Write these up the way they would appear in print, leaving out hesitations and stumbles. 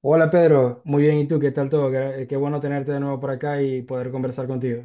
Hola Pedro, muy bien, ¿y tú? ¿Qué tal todo? Qué bueno tenerte de nuevo por acá y poder conversar contigo.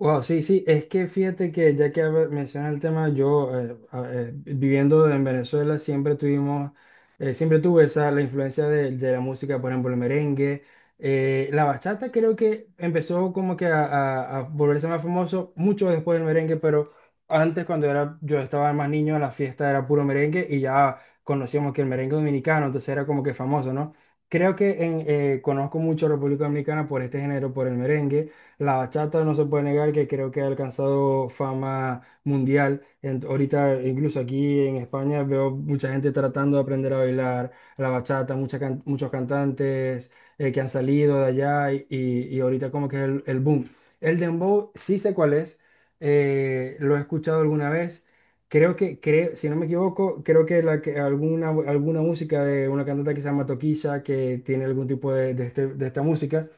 Wow, sí, sí, es que fíjate que ya menciona el tema, yo viviendo en Venezuela siempre tuve esa, la influencia de la música, por ejemplo, el merengue. La bachata creo que empezó como que a volverse más famoso mucho después del merengue, pero antes cuando era, yo estaba más niño, en la fiesta era puro merengue y ya conocíamos que el merengue dominicano, entonces era como que famoso, ¿no? Creo que conozco mucho a República Dominicana por este género, por el merengue. La bachata no se puede negar que creo que ha alcanzado fama mundial. Ahorita, incluso aquí en España, veo mucha gente tratando de aprender a bailar la bachata, muchos cantantes que han salido de allá y ahorita como que es el boom. El dembow, sí sé cuál es, lo he escuchado alguna vez. Creo que, si no me equivoco, creo que alguna música de una cantante que se llama Toquilla, que tiene algún tipo de esta música.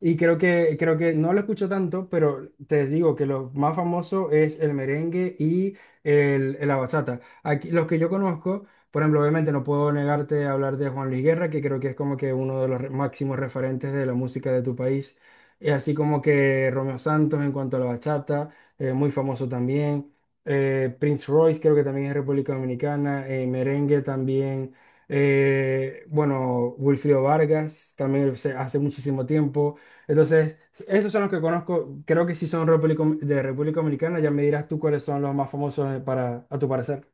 Y creo que no lo escucho tanto, pero te digo que lo más famoso es el merengue y la bachata. Aquí, los que yo conozco, por ejemplo, obviamente no puedo negarte a hablar de Juan Luis Guerra, que creo que es como que uno de los máximos referentes de la música de tu país. Así como que Romeo Santos en cuanto a la bachata, muy famoso también. Prince Royce creo que también es República Dominicana, merengue también. Bueno, Wilfrido Vargas también hace muchísimo tiempo. Entonces, esos son los que conozco. Creo que sí son de República Dominicana. Ya me dirás tú cuáles son los más famosos para, a tu parecer.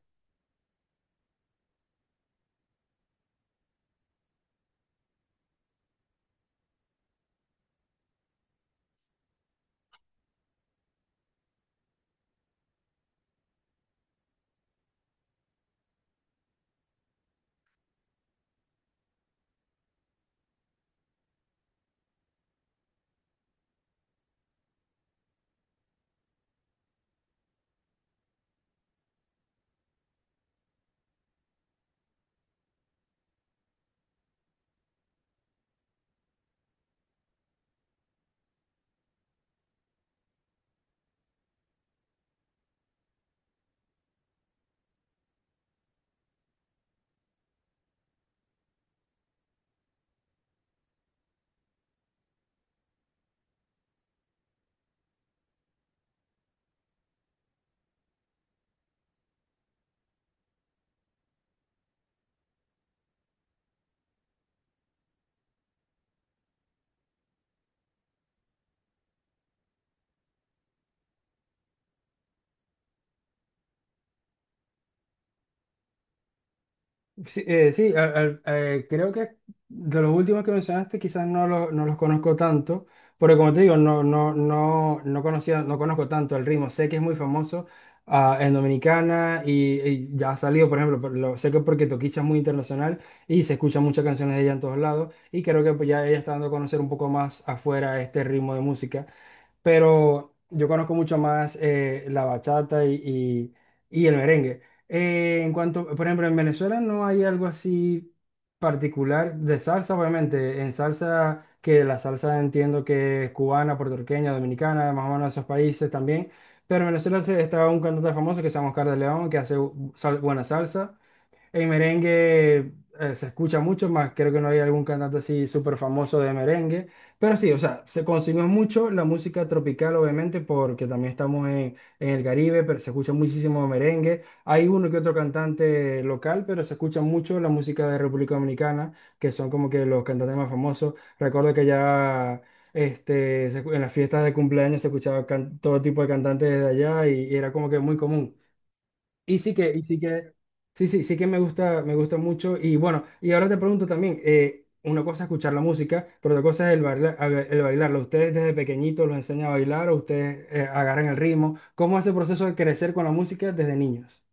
Sí, sí, creo que de los últimos que mencionaste quizás no, no los conozco tanto, porque como te digo, no conocía, no conozco tanto el ritmo. Sé que es muy famoso en Dominicana y ya ha salido, por ejemplo, sé que porque Toquicha es muy internacional y se escuchan muchas canciones de ella en todos lados y creo que pues, ya ella está dando a conocer un poco más afuera este ritmo de música, pero yo conozco mucho más la bachata y el merengue. En cuanto, por ejemplo, en Venezuela no hay algo así particular de salsa, obviamente. En salsa, que la salsa entiendo que es cubana, puertorriqueña, dominicana, más o menos esos países también. Pero en Venezuela está un cantante famoso que se llama Oscar de León, que hace buena salsa. En merengue se escucha mucho más, creo que no hay algún cantante así súper famoso de merengue, pero sí, o sea, se consumió mucho la música tropical, obviamente, porque también estamos en el Caribe, pero se escucha muchísimo merengue. Hay uno que otro cantante local, pero se escucha mucho la música de República Dominicana, que son como que los cantantes más famosos. Recuerdo que ya este, en las fiestas de cumpleaños se escuchaba todo tipo de cantantes de allá y era como que muy común. Y sí que, y sí que, sí, sí, sí que me gusta mucho. Y bueno, y ahora te pregunto también, una cosa es escuchar la música, pero otra cosa es el bailar, el bailarlo. ¿Ustedes desde pequeñitos los enseñan a bailar o ustedes agarran el ritmo? ¿Cómo es el proceso de crecer con la música desde niños?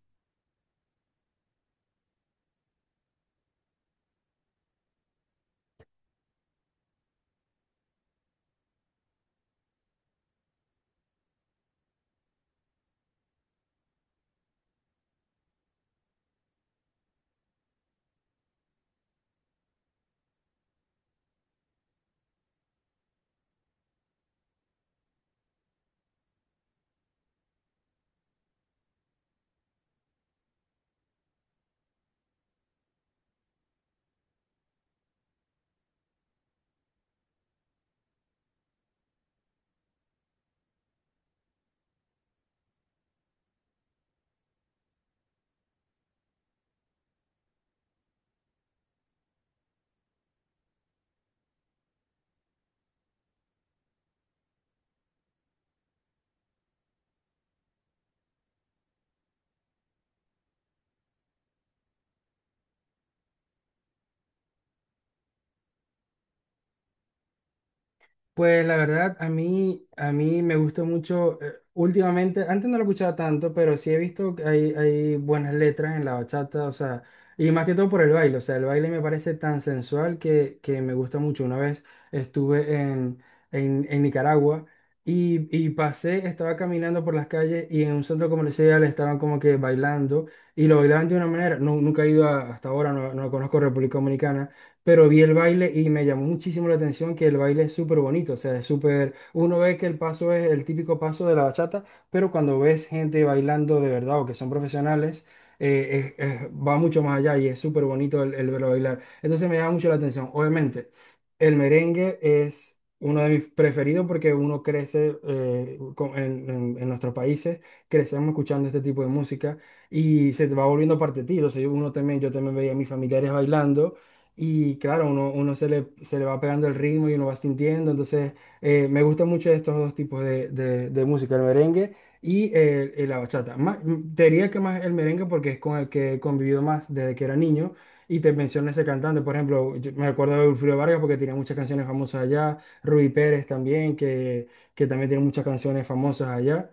Pues la verdad, a mí me gusta mucho, últimamente, antes no lo escuchaba tanto, pero sí he visto que hay buenas letras en la bachata, o sea, y más que todo por el baile, o sea, el baile me parece tan sensual que me gusta mucho. Una vez estuve en Nicaragua y pasé, estaba caminando por las calles y en un centro comercial estaban como que bailando y lo bailaban de una manera, no, nunca he ido a- hasta ahora, no, no conozco República Dominicana, pero vi el baile y me llamó muchísimo la atención que el baile es súper bonito, o sea, es súper, uno ve que el paso es el típico paso de la bachata, pero cuando ves gente bailando de verdad o que son profesionales, va mucho más allá y es súper bonito el verlo bailar. Entonces me llama mucho la atención. Obviamente, el merengue es uno de mis preferidos porque uno crece en nuestros países, crecemos escuchando este tipo de música y se te va volviendo parte de ti. O sea, uno también, yo también veía a mis familiares bailando. Y claro, uno, uno se le va pegando el ritmo y uno va sintiendo. Entonces, me gustan mucho estos dos tipos de música, el merengue y la bachata. Más, mm, te diría que más el merengue porque es con el que he convivido más desde que era niño. Y te menciono ese cantante, por ejemplo, yo me acuerdo de Wilfrido Vargas porque tenía muchas canciones famosas allá. Rubí Pérez también, que también tiene muchas canciones famosas allá.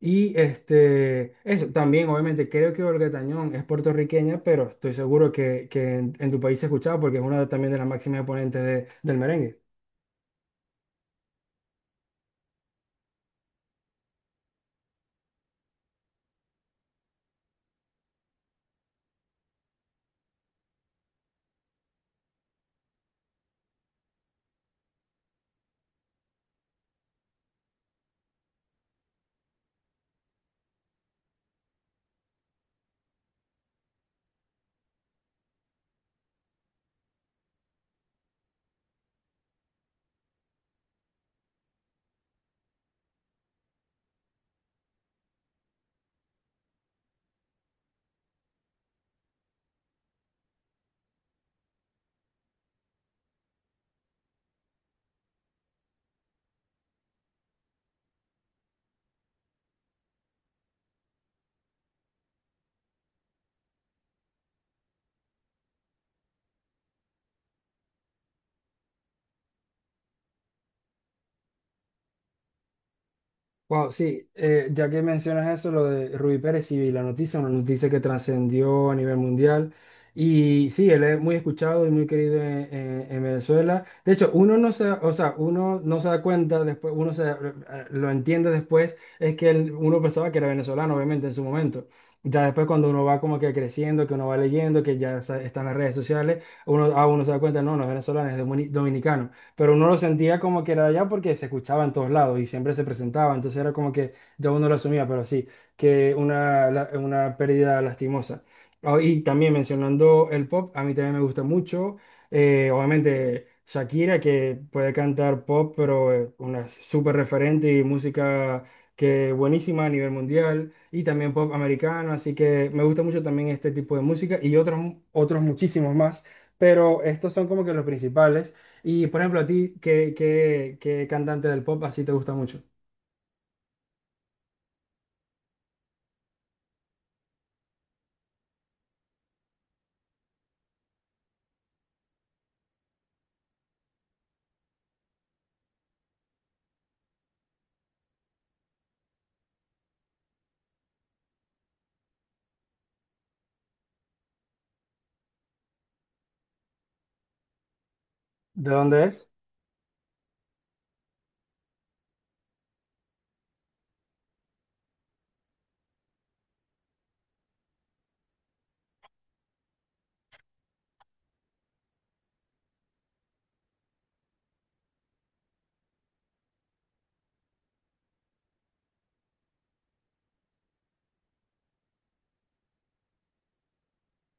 Y este, eso también, obviamente, creo que Olga Tañón es puertorriqueña, pero estoy seguro que en tu país se escuchaba porque es también de las máximas exponentes del merengue. Wow, sí, ya que mencionas eso, lo de Rubí Pérez y la noticia, una noticia que trascendió a nivel mundial. Y sí, él es muy escuchado y muy querido en Venezuela. De hecho, uno no se, o sea, uno no se da cuenta después, lo entiende después, es que uno pensaba que era venezolano, obviamente, en su momento. Ya después cuando uno va como que creciendo, que uno va leyendo, que están las redes sociales, uno, a uno se da cuenta, no, no es venezolano, es dominicano, pero uno lo sentía como que era de allá porque se escuchaba en todos lados y siempre se presentaba, entonces era como que ya uno lo asumía, pero sí, que una, una pérdida lastimosa. Ah, y también mencionando el pop, a mí también me gusta mucho, obviamente Shakira, que puede cantar pop, pero una súper referente y música que buenísima a nivel mundial y también pop americano, así que me gusta mucho también este tipo de música y otros, otros muchísimos más, pero estos son como que los principales. Y por ejemplo, a ti, ¿qué cantante del pop así te gusta mucho? ¿De dónde es?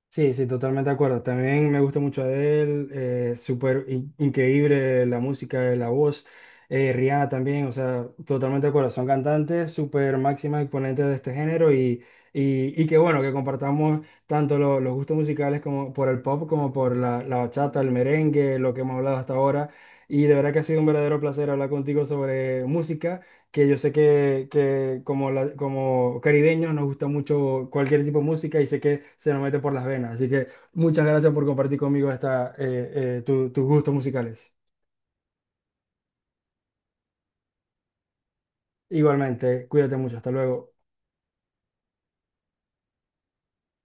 Sí, sí, totalmente de acuerdo. También me gusta mucho Adele, increíble la música, la voz. Rihanna también, o sea, totalmente de acuerdo. Son cantantes súper máximas exponentes de este género y que bueno, que compartamos tanto los gustos musicales como por el pop, como por la bachata, el merengue, lo que hemos hablado hasta ahora. Y de verdad que ha sido un verdadero placer hablar contigo sobre música, que yo sé que como, como caribeños nos gusta mucho cualquier tipo de música y sé que se nos mete por las venas. Así que muchas gracias por compartir conmigo esta, tus gustos musicales. Igualmente, cuídate mucho, hasta luego.